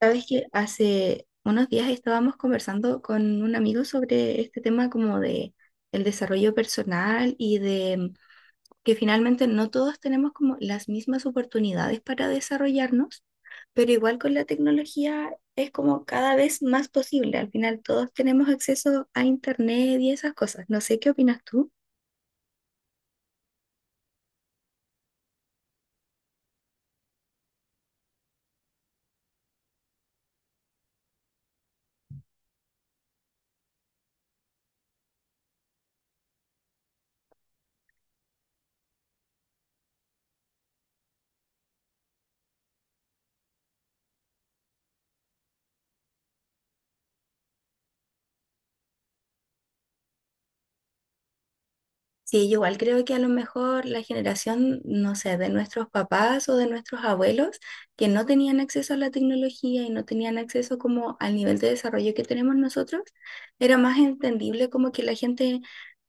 Sabes que hace unos días estábamos conversando con un amigo sobre este tema como de el desarrollo personal y de que finalmente no todos tenemos como las mismas oportunidades para desarrollarnos, pero igual con la tecnología es como cada vez más posible. Al final todos tenemos acceso a internet y esas cosas. No sé qué opinas tú. Sí, yo igual creo que a lo mejor la generación, no sé, de nuestros papás o de nuestros abuelos que no tenían acceso a la tecnología y no tenían acceso como al nivel de desarrollo que tenemos nosotros, era más entendible como que la gente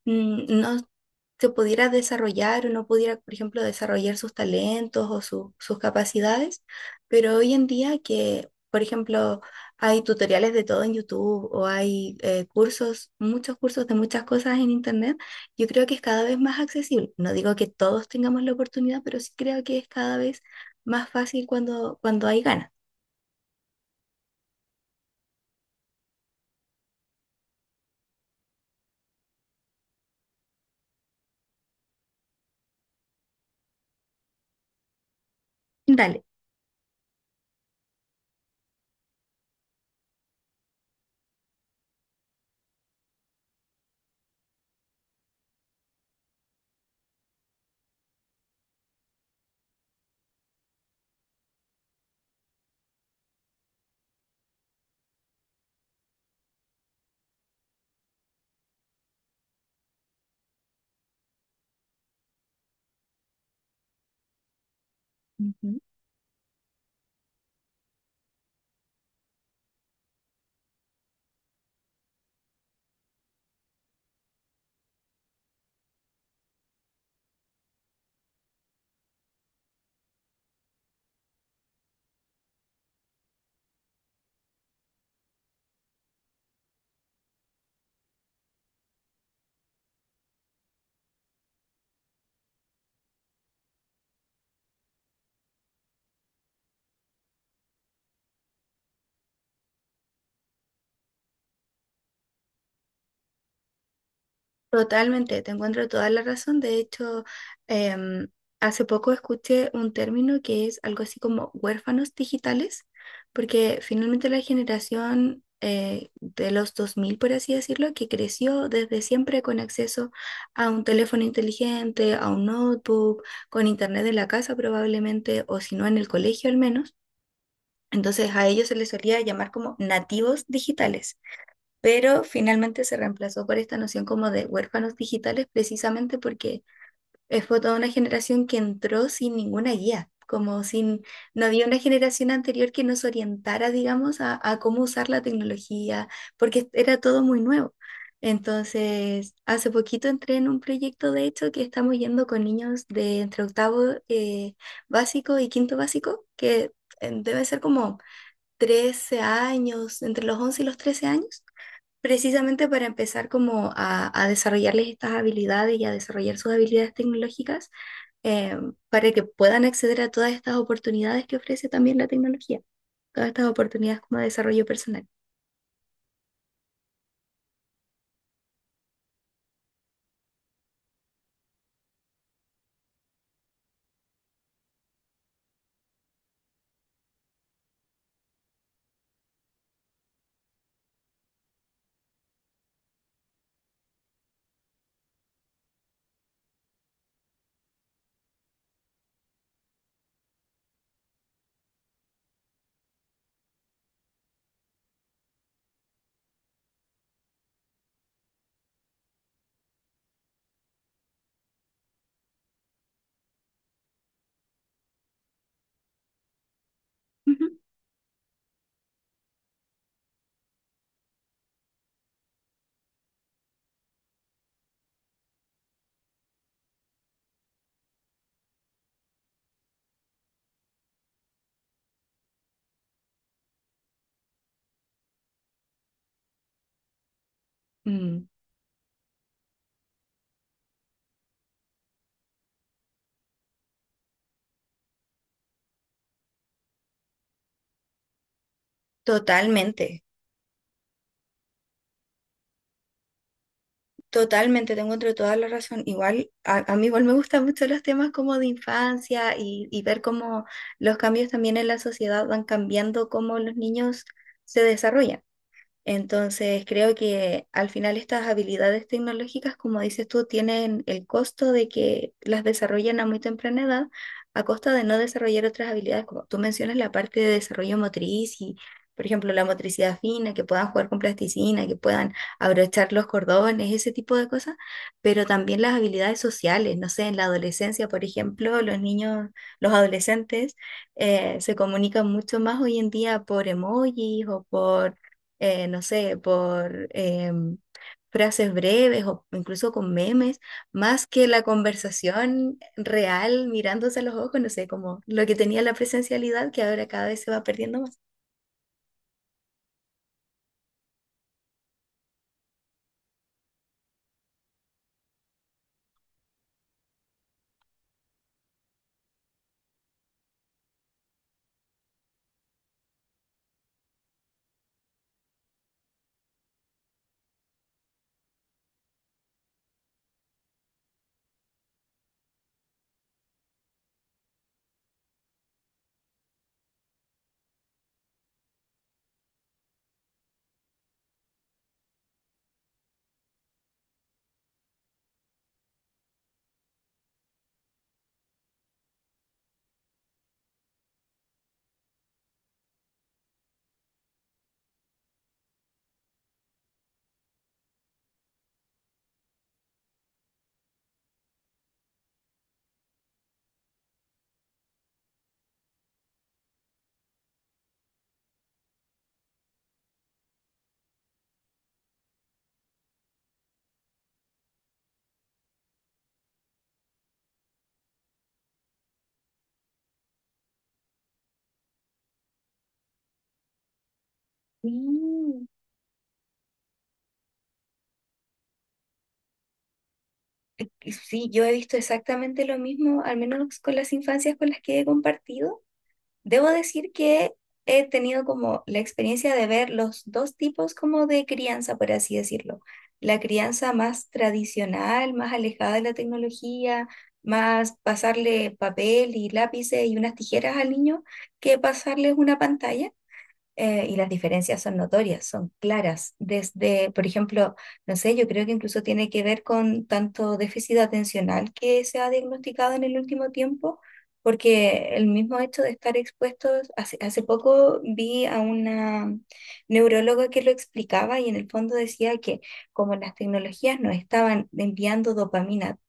mm, no se pudiera desarrollar o no pudiera, por ejemplo, desarrollar sus talentos o sus capacidades, pero hoy en día que, por ejemplo, hay tutoriales de todo en YouTube o hay cursos, muchos cursos de muchas cosas en Internet, yo creo que es cada vez más accesible. No digo que todos tengamos la oportunidad, pero sí creo que es cada vez más fácil cuando hay ganas. Dale. Totalmente, te encuentro toda la razón. De hecho, em, hace poco escuché un término que es algo así como huérfanos digitales, porque finalmente la generación de los 2000, por así decirlo, que creció desde siempre con acceso a un teléfono inteligente, a un notebook, con internet en la casa probablemente, o si no en el colegio al menos. Entonces a ellos se les solía llamar como nativos digitales pero finalmente se reemplazó por esta noción como de huérfanos digitales precisamente porque fue toda una generación que entró sin ninguna guía, como sin, no había una generación anterior que nos orientara, digamos, a cómo usar la tecnología, porque era todo muy nuevo. Entonces, hace poquito entré en un proyecto, de hecho, que estamos yendo con niños de entre octavo eh, básico y quinto básico, que debe ser como 13 años, entre los 11 y los 13 años precisamente para empezar como a desarrollarles estas habilidades y a desarrollar sus habilidades tecnológicas eh, para que puedan acceder a todas estas oportunidades que ofrece también la tecnología, todas estas oportunidades como de desarrollo personal. Ujú. Mm, totalmente, totalmente, te encuentro toda la razón. Igual, a mí igual me gustan mucho los temas como de infancia y ver cómo los cambios también en la sociedad van cambiando cómo los niños se desarrollan. Entonces, creo que al final estas habilidades tecnológicas, como dices tú, tienen el costo de que las desarrollen a muy temprana edad, a costa de no desarrollar otras habilidades, como tú mencionas la parte de desarrollo motriz y, por ejemplo, la motricidad fina, que puedan jugar con plasticina, que puedan abrochar los cordones, ese tipo de cosas, pero también las habilidades sociales, no sé, en la adolescencia, por ejemplo, los niños, los adolescentes se comunican mucho más hoy en día por emojis o por no sé, por frases breves o incluso con memes, más que la conversación real mirándose a los ojos, no sé, como lo que tenía la presencialidad que ahora cada vez se va perdiendo más. Mm, y sí, yo he visto exactamente lo mismo, al menos con las infancias con las que he compartido. Debo decir que he tenido como la experiencia de ver los dos tipos como de crianza, por así decirlo. La crianza más tradicional, más alejada de la tecnología, más pasarle papel y lápices y unas tijeras al niño que pasarles una pantalla. Y las diferencias son notorias, son claras. Desde, por ejemplo, no sé, yo creo que incluso tiene que ver con tanto déficit atencional que se ha diagnosticado en el último tiempo, porque el mismo hecho de estar expuestos, hace poco vi a una neuróloga que lo explicaba y en el fondo decía que como las tecnologías nos estaban enviando dopamina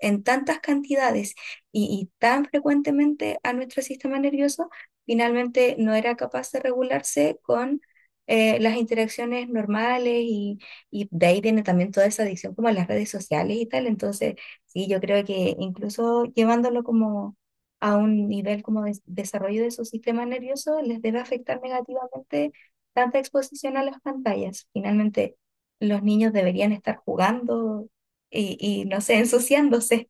en tantas cantidades y tan frecuentemente a nuestro sistema nervioso, finalmente no era capaz de regularse con las interacciones normales y de ahí tiene también toda esa adicción como a las redes sociales y tal. Entonces, sí, yo creo que incluso llevándolo como a un nivel como de desarrollo de su sistema nervioso, les debe afectar negativamente tanta exposición a las pantallas. Finalmente, los niños deberían estar jugando y no sé, ensuciándose.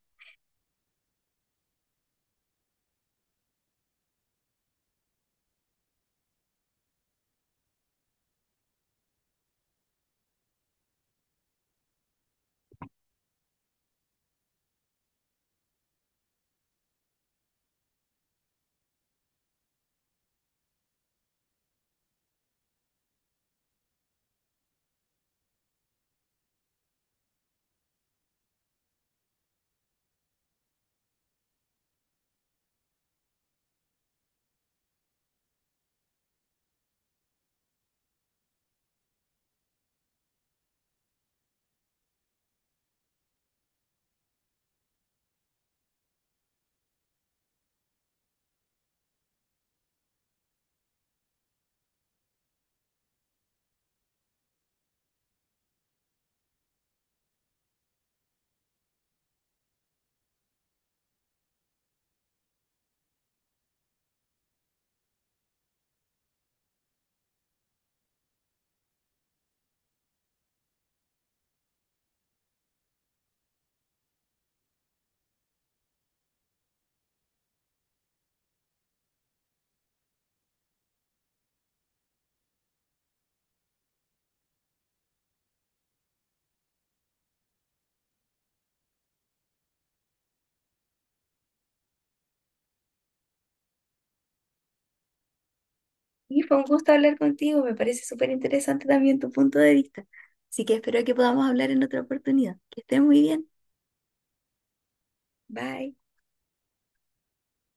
Y fue un gusto hablar contigo, me parece súper interesante también tu punto de vista. Así que espero que podamos hablar en otra oportunidad. Que estés muy bien. Bye.